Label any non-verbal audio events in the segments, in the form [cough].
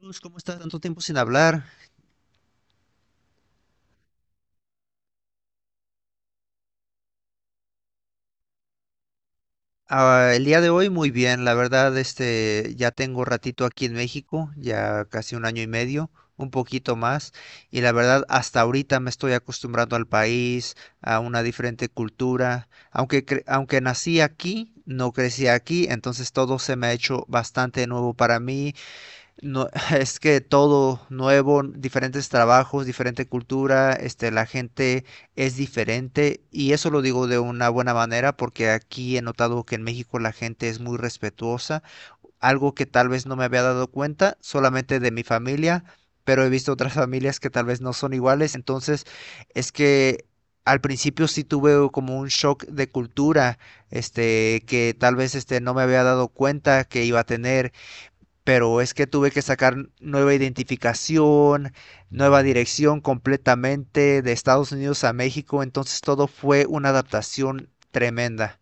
Luz, ¿cómo estás? Tanto tiempo sin hablar. Ah, el día de hoy muy bien, la verdad, ya tengo ratito aquí en México, ya casi un año y medio, un poquito más. Y la verdad, hasta ahorita me estoy acostumbrando al país, a una diferente cultura. Aunque, aunque nací aquí, no crecí aquí, entonces todo se me ha hecho bastante nuevo para mí. No, [laughs] es que todo nuevo, diferentes trabajos, diferente cultura, la gente es diferente, y eso lo digo de una buena manera porque aquí he notado que en México la gente es muy respetuosa, algo que tal vez no me había dado cuenta solamente de mi familia, pero he visto otras [laughs] familias que tal vez no son iguales. Entonces es que al principio sí tuve como un shock de cultura, que tal vez no me había dado cuenta que iba a tener. Pero es que tuve que sacar nueva identificación, nueva dirección completamente de Estados Unidos a México, entonces todo fue una adaptación tremenda.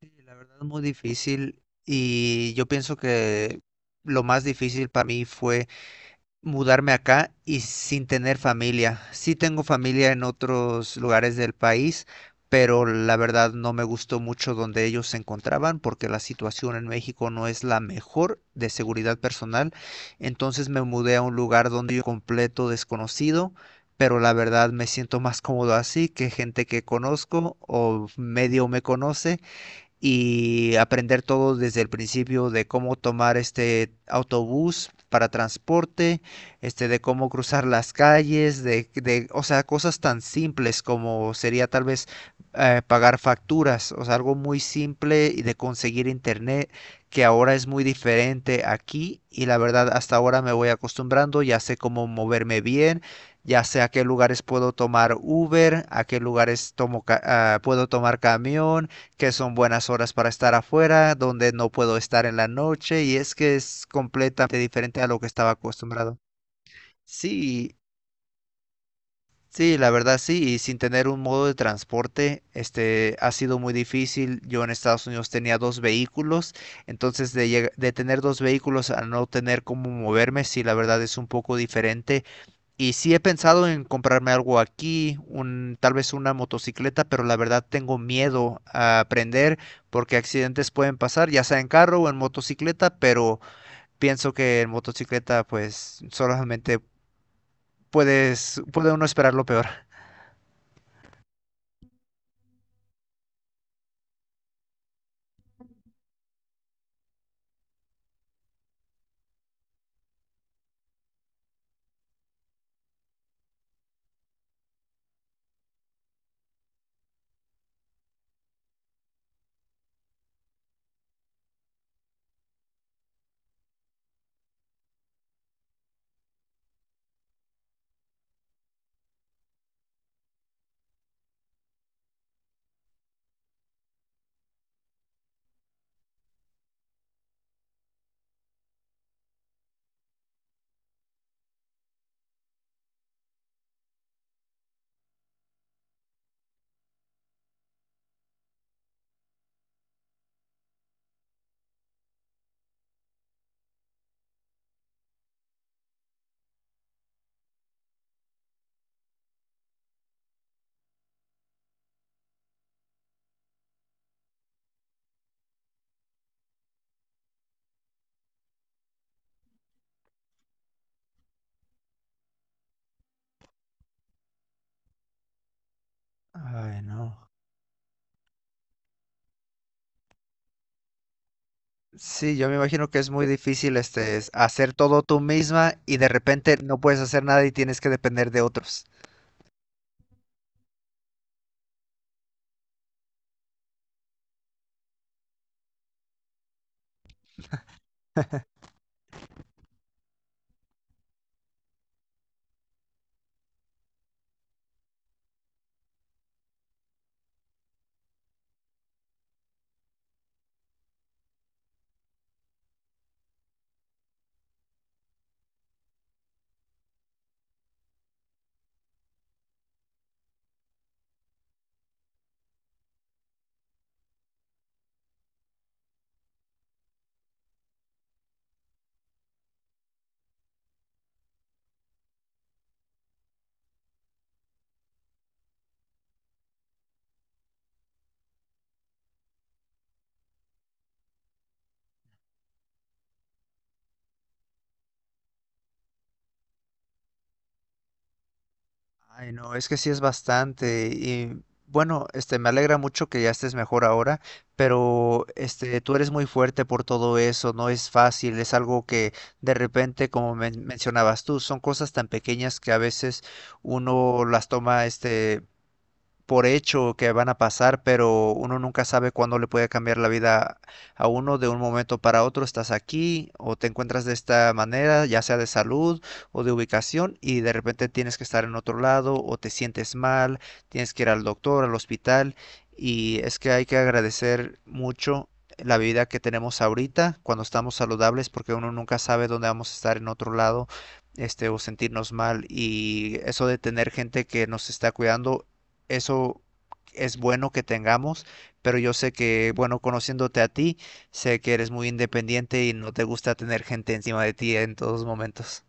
Sí, la verdad es muy difícil y yo pienso que lo más difícil para mí fue mudarme acá y sin tener familia. Sí tengo familia en otros lugares del país, pero la verdad no me gustó mucho donde ellos se encontraban porque la situación en México no es la mejor de seguridad personal. Entonces me mudé a un lugar donde yo completo desconocido. Pero la verdad me siento más cómodo así que gente que conozco o medio me conoce, y aprender todo desde el principio de cómo tomar este autobús para transporte, de cómo cruzar las calles, o sea, cosas tan simples como sería tal vez pagar facturas, o sea, algo muy simple, y de conseguir internet, que ahora es muy diferente aquí, y la verdad hasta ahora me voy acostumbrando, ya sé cómo moverme bien, ya sé a qué lugares puedo tomar Uber, a qué lugares tomo puedo tomar camión, que son buenas horas para estar afuera, donde no puedo estar en la noche, y es que es completamente diferente a lo que estaba acostumbrado. Sí, sí, la verdad sí, y sin tener un modo de transporte, ha sido muy difícil. Yo en Estados Unidos tenía dos vehículos, entonces de tener dos vehículos a no tener cómo moverme, sí, la verdad es un poco diferente. Y sí he pensado en comprarme algo aquí, un, tal vez una motocicleta, pero la verdad tengo miedo a aprender porque accidentes pueden pasar, ya sea en carro o en motocicleta. Pero pienso que en motocicleta pues solamente puede uno esperar lo peor. Ay, no. Sí, yo me imagino que es muy difícil este es hacer todo tú misma, y de repente no puedes hacer nada y tienes que depender de otros. Ay, no, es que sí es bastante. Y bueno, me alegra mucho que ya estés mejor ahora, pero tú eres muy fuerte por todo eso, no es fácil, es algo que de repente, como mencionabas tú, son cosas tan pequeñas que a veces uno las toma, por hecho que van a pasar, pero uno nunca sabe cuándo le puede cambiar la vida a uno de un momento para otro. Estás aquí o te encuentras de esta manera, ya sea de salud o de ubicación, y de repente tienes que estar en otro lado o te sientes mal, tienes que ir al doctor, al hospital, y es que hay que agradecer mucho la vida que tenemos ahorita cuando estamos saludables, porque uno nunca sabe dónde vamos a estar en otro lado, o sentirnos mal, y eso de tener gente que nos está cuidando, eso es bueno que tengamos. Pero yo sé que, bueno, conociéndote a ti, sé que eres muy independiente y no te gusta tener gente encima de ti en todos momentos.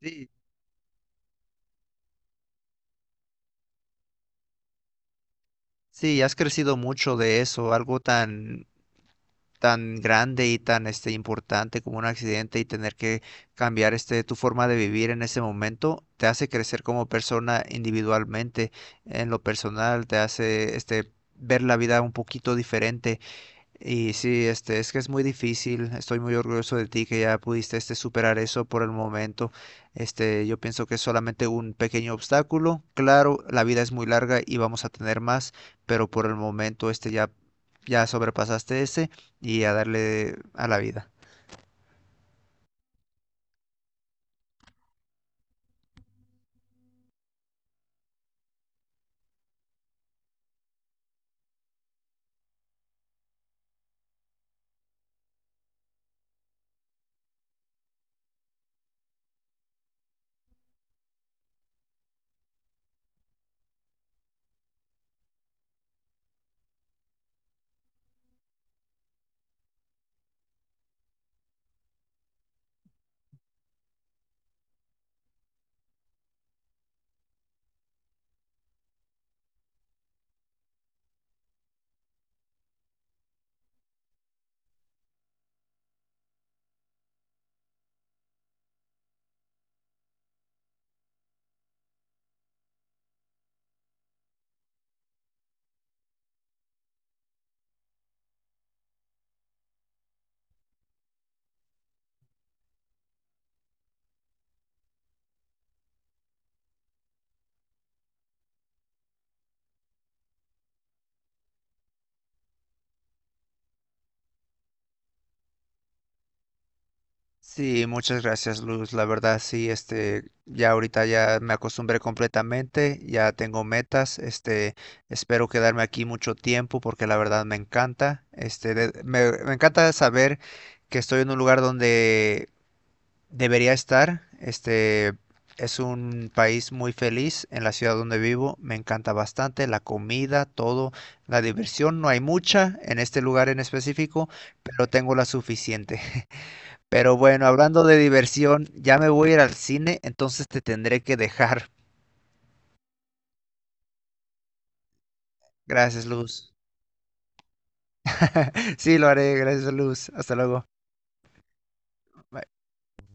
Sí, sí, has crecido mucho de eso, algo tan tan grande y tan importante como un accidente, y tener que cambiar tu forma de vivir en ese momento te hace crecer como persona individualmente, en lo personal, te hace ver la vida un poquito diferente. Y sí, es que es muy difícil. Estoy muy orgulloso de ti que ya pudiste superar eso por el momento. Yo pienso que es solamente un pequeño obstáculo. Claro, la vida es muy larga y vamos a tener más, pero por el momento ya, ya sobrepasaste ese, y a darle a la vida. Sí, muchas gracias, Luz. La verdad, sí, ya ahorita ya me acostumbré completamente, ya tengo metas, espero quedarme aquí mucho tiempo porque la verdad me encanta, este, de- me encanta saber que estoy en un lugar donde debería estar, es un país muy feliz. En la ciudad donde vivo, me encanta bastante la comida, todo, la diversión, no hay mucha en este lugar en específico, pero tengo la suficiente. Pero bueno, hablando de diversión, ya me voy a ir al cine, entonces te tendré que dejar. Gracias, Luz. [laughs] Sí, lo haré. Gracias, Luz. Hasta luego. Bye.